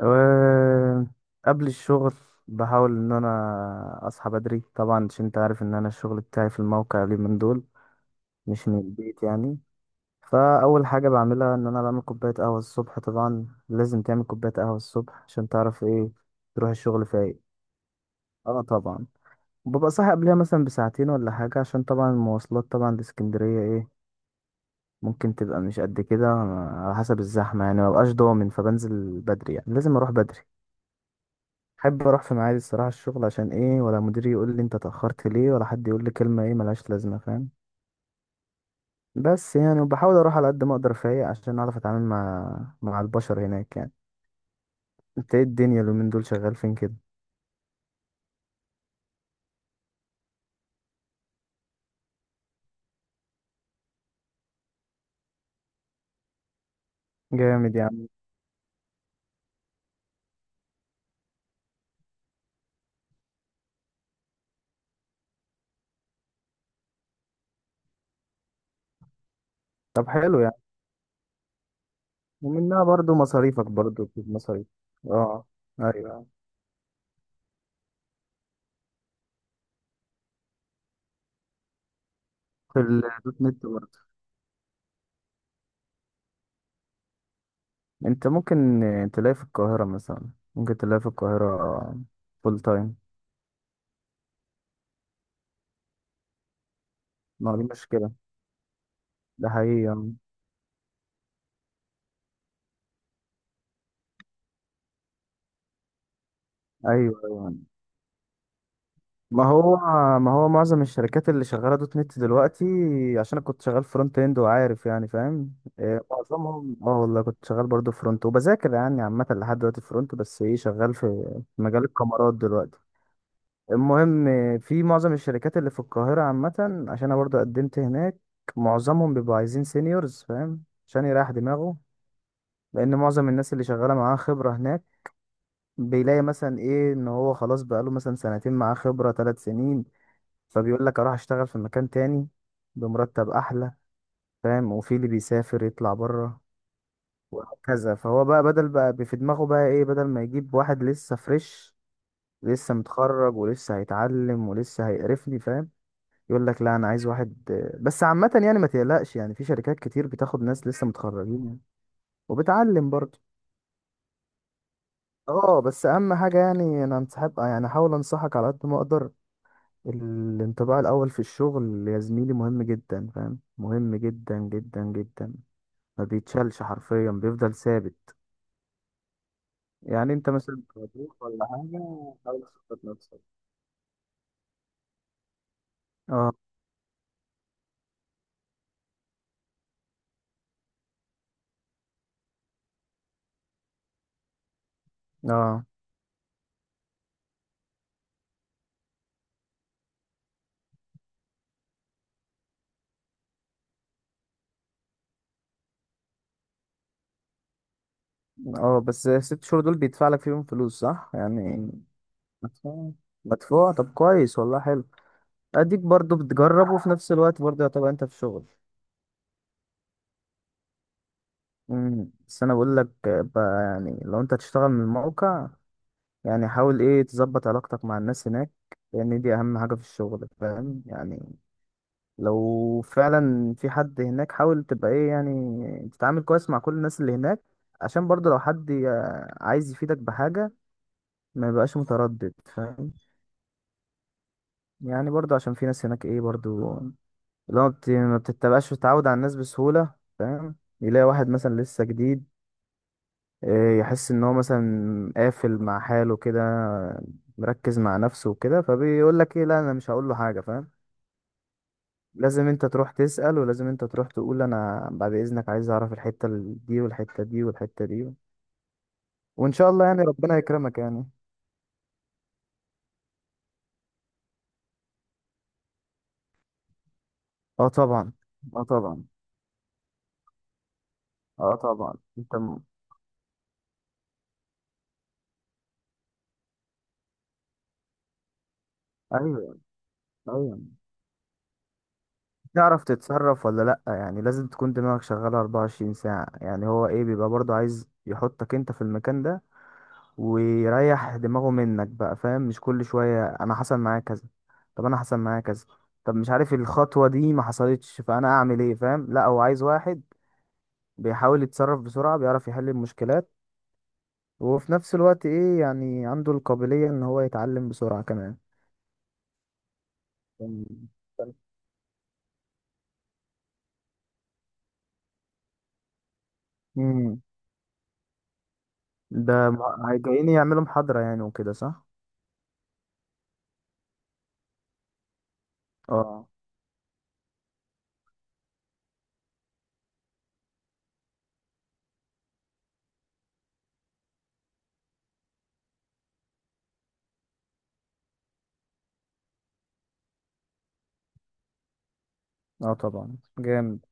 أه، قبل الشغل بحاول ان انا اصحى بدري طبعا عشان انت عارف ان انا الشغل بتاعي في الموقع اليومين دول مش من البيت يعني. فاول حاجه بعملها ان انا بعمل كوبايه قهوه الصبح، طبعا لازم تعمل كوبايه قهوه الصبح عشان تعرف ايه، تروح الشغل فايق. اه طبعا، ببقى صاحي قبلها مثلا بساعتين ولا حاجه، عشان طبعا المواصلات طبعا لاسكندريه ايه، ممكن تبقى مش قد كده على حسب الزحمه يعني، مبقاش ضامن، فبنزل بدري يعني لازم اروح بدري. احب اروح في ميعادي الصراحه الشغل، عشان ايه ولا مديري يقول لي انت اتاخرت ليه ولا حد يقول لي كلمه ايه ملهاش لازمه، فاهم؟ بس يعني وبحاول اروح على قد ما اقدر فايق عشان اعرف اتعامل مع البشر هناك يعني. انت ايه الدنيا اليومين دول شغال فين كده؟ جامد يعني. طب حلو يعني، ومنها برضو مصاريفك، برضو في مصاريف. اه، ايوه، في الدوت نت برضو؟ انت ممكن تلاقي في القاهره مثلا، ممكن تلاقي في القاهره فول تايم. ما دي مشكله، ده حقيقي يعني. ايوه ايوه، ما هو ما هو معظم الشركات اللي شغاله دوت نت دلوقتي، عشان انا كنت شغال فرونت اند وعارف يعني، فاهم؟ معظمهم اه والله كنت شغال برضو فرونت وبذاكر يعني عامه لحد دلوقتي فرونت، بس ايه شغال في مجال الكاميرات دلوقتي. المهم في معظم الشركات اللي في القاهره عامه، عشان انا برضو قدمت هناك، معظمهم بيبقوا عايزين سينيورز، فاهم؟ عشان يريح دماغه، لان معظم الناس اللي شغاله معاه خبره هناك بيلاقي مثلا ايه، ان هو خلاص بقاله مثلا سنتين معاه خبره 3 سنين فبيقول لك اروح اشتغل في مكان تاني بمرتب احلى، فاهم؟ وفي اللي بيسافر يطلع بره وهكذا. فهو بقى بدل بقى في دماغه بقى ايه، بدل ما يجيب واحد لسه فريش لسه متخرج ولسه هيتعلم ولسه هيقرفني، فاهم؟ يقول لك لا، انا عايز واحد. بس عامة يعني ما تقلقش يعني، في شركات كتير بتاخد ناس لسه متخرجين يعني وبتعلم برضه. اه، بس اهم حاجة يعني، انا انصحك يعني، احاول انصحك على قد ما اقدر. الانطباع الأول في الشغل يا زميلي مهم جدا، فاهم؟ مهم جدا جدا جدا، ما بيتشالش حرفيا، بيفضل ثابت. يعني انت مثلا مبروك ولا حاجة، حاول تثبت نفسك. اه، اه، اه، بس الست شهور دول بيدفع لك فيهم فلوس صح يعني؟ مدفوع، مدفوع، طب كويس والله، حلو. اديك برضو بتجرب وفي نفس الوقت برضو يعتبر انت في شغل. امم، بس انا بقول لك بقى يعني، لو انت تشتغل من الموقع يعني، حاول ايه تظبط علاقتك مع الناس هناك، لان دي اهم حاجة في الشغل، فاهم يعني؟ لو فعلا في حد هناك حاول تبقى ايه يعني، تتعامل كويس مع كل الناس اللي هناك، عشان برضه لو حد عايز يفيدك بحاجة ما يبقاش متردد، فاهم؟ يعني برضه عشان في ناس هناك ايه برضه، لو ما بتتبقاش تتعود على الناس بسهولة، فاهم؟ يلاقي واحد مثلا لسه جديد، يحس ان هو مثلا قافل مع حاله كده، مركز مع نفسه وكده، فبيقول لك ايه، لا انا مش هقول له حاجه، فاهم؟ لازم انت تروح تسأل، ولازم انت تروح تقول انا بعد اذنك عايز اعرف الحته دي والحته دي والحته دي. وان شاء الله يعني ربنا يكرمك يعني. اه طبعا، اه طبعا، اه طبعا. ايوه ايوه، تعرف تتصرف ولا لا يعني، لازم تكون دماغك شغاله 24 ساعه يعني. هو ايه بيبقى برضه عايز يحطك انت في المكان ده، ويريح دماغه منك بقى، فاهم؟ مش كل شوية انا حصل معايا كذا، طب انا حصل معايا كذا، طب مش عارف الخطوة دي ما حصلتش فانا اعمل ايه، فاهم؟ لا هو عايز واحد بيحاول يتصرف بسرعة، بيعرف يحل المشكلات، وفي نفس الوقت ايه يعني، عنده القابلية ان هو يتعلم بسرعة كمان. امم، ده جايين يعملوا محاضرة يعني وكده، صح؟ اه، اه طبعا، جامد.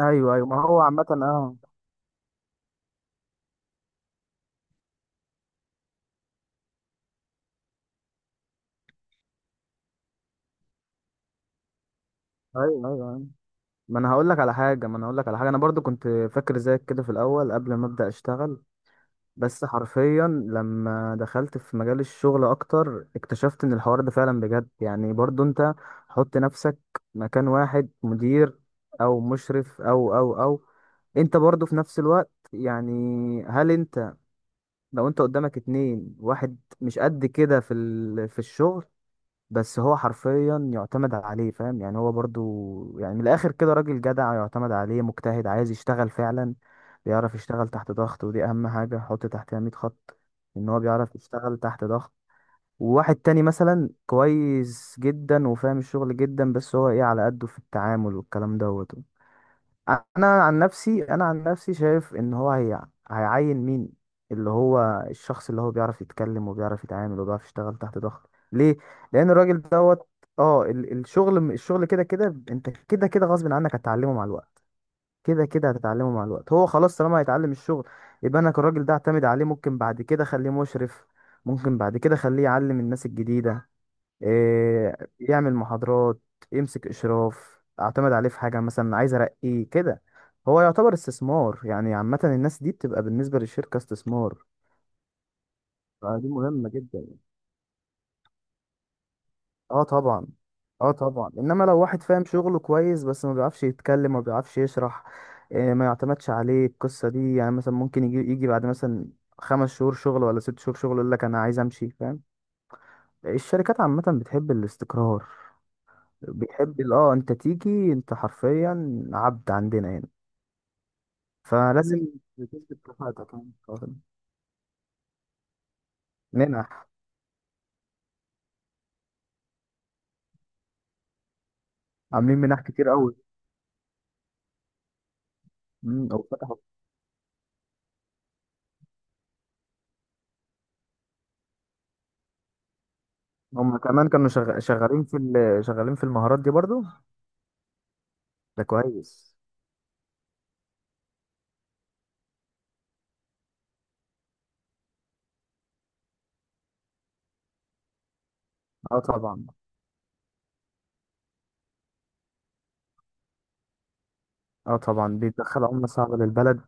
ايوه ايوه، ما هو عامة اه. ايوه ايوه، ما انا هقول لك على حاجه، ما انا هقول لك على حاجه، انا برضو كنت فاكر زيك كده في الاول قبل ما ابدا اشتغل، بس حرفيا لما دخلت في مجال الشغل اكتر اكتشفت ان الحوار ده فعلا بجد يعني. برضو انت حط نفسك مكان واحد مدير او مشرف او انت برضو في نفس الوقت يعني، هل انت، لو انت قدامك اتنين، واحد مش قد كده في ال... في الشغل بس هو حرفيا يعتمد عليه، فاهم يعني؟ هو برضو يعني من الاخر كده راجل جدع، يعتمد عليه، مجتهد، عايز يشتغل فعلا، بيعرف يشتغل تحت ضغط، ودي اهم حاجة حط تحتها 100 خط، ان هو بيعرف يشتغل تحت ضغط. وواحد تاني مثلا كويس جدا وفاهم الشغل جدا، بس هو ايه، على قده في التعامل والكلام دوت. انا عن نفسي، انا عن نفسي شايف ان هو هي هيعين مين؟ اللي هو الشخص اللي هو بيعرف يتكلم وبيعرف يتعامل وبيعرف يشتغل تحت ضغط. ليه؟ لان الراجل دوت اه الشغل، كده كده انت كده كده غصب عنك هتتعلمه مع الوقت، كده كده هتتعلمه مع الوقت، هو خلاص طالما هيتعلم الشغل يبقى انا الراجل ده اعتمد عليه. ممكن بعد كده اخليه مشرف، ممكن بعد كده اخليه يعلم الناس الجديدة، إيه يعمل محاضرات، يمسك إشراف، أعتمد عليه في حاجة مثلا، عايز أرقيه كده. هو يعتبر استثمار يعني، عامة الناس دي بتبقى بالنسبة للشركة استثمار، فدي مهمة جدا. اه طبعا، اه طبعا، انما لو واحد فاهم شغله كويس بس ما بيعرفش يتكلم ما بيعرفش يشرح، ما يعتمدش عليه القصة دي يعني. مثلا ممكن يجي بعد مثلا 5 شهور شغل ولا 6 شهور شغل يقول لك انا عايز امشي، فاهم؟ الشركات عامة بتحب الاستقرار، بيحب انت تيجي، انت حرفيا عبد عندنا هنا، فلازم تثبت كفاءتك يعني، فاهم؟ منح، عاملين منح كتير قوي. مم، او فتحوا. هم كمان كانوا شغالين في شغالين في المهارات دي برضو. ده كويس. اه طبعا، اه طبعا، بيدخل عملة صعبة للبلد.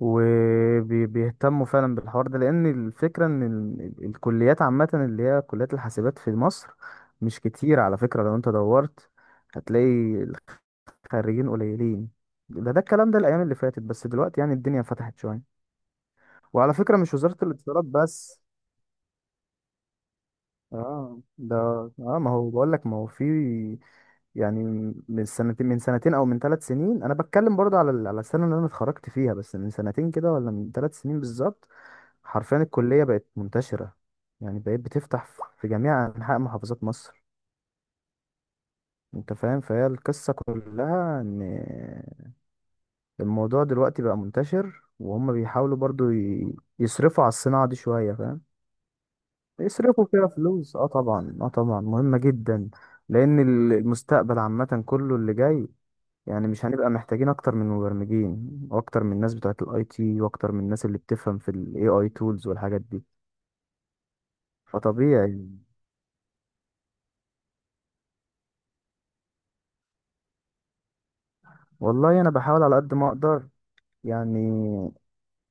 وبيهتموا فعلا بالحوار ده، لان الفكرة ان الكليات عامة اللي هي كليات الحاسبات في مصر مش كتير، على فكرة لو انت دورت هتلاقي خريجين قليلين. ده الكلام ده الايام اللي فاتت، بس دلوقتي يعني الدنيا فتحت شويه. وعلى فكره مش وزاره الاتصالات بس. اه ده، اه ما هو بقول لك، ما هو في يعني، من سنتين او من ثلاث سنين، انا بتكلم برضه على على السنه اللي انا اتخرجت فيها، بس من سنتين كده ولا من ثلاث سنين بالظبط. حرفيا الكليه بقت منتشره، يعني بقيت بتفتح في جميع انحاء محافظات مصر، انت فاهم؟ فهي القصه كلها ان الموضوع دلوقتي بقى منتشر، وهم بيحاولوا برضو يصرفوا على الصناعة دي شوية، فاهم؟ يصرفوا فيها فلوس. اه طبعا، اه طبعا، مهمة جدا، لأن المستقبل عامة كله اللي جاي، يعني مش هنبقى محتاجين أكتر من مبرمجين وأكتر من الناس بتوعة ال IT وأكتر من الناس اللي بتفهم في ال AI tools والحاجات دي، فطبيعي. والله أنا بحاول على قد ما أقدر يعني.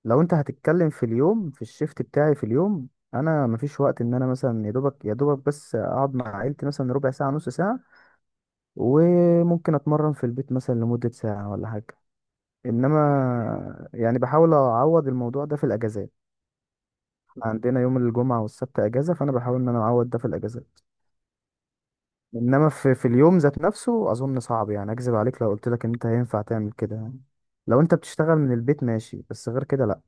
لو انت هتتكلم في اليوم، في الشيفت بتاعي في اليوم انا مفيش وقت ان انا مثلا يا دوبك بس اقعد مع عيلتي مثلا ربع ساعه نص ساعه، وممكن اتمرن في البيت مثلا لمده ساعه ولا حاجه. انما يعني بحاول اعوض الموضوع ده في الاجازات، احنا عندنا يوم الجمعه والسبت اجازه، فانا بحاول ان انا اعوض ده في الاجازات. انما في اليوم ذات نفسه اظن صعب، يعني اكذب عليك لو قلت لك ان انت هينفع تعمل كده يعني. لو انت بتشتغل من البيت ماشي، بس غير كده لا.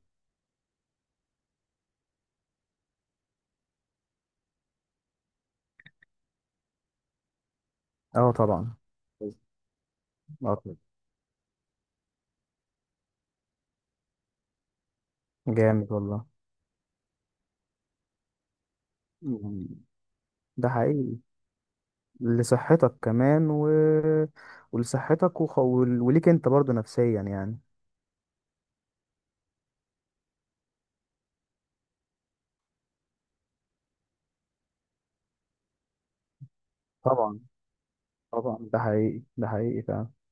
اه طبعا، اه طبعا. جامد والله. مم. ده حقيقي، لصحتك كمان و... ولصحتك وليك انت برضو نفسيا يعني. طبعا، طبعا، ده حقيقي، ده حقيقي فعلا.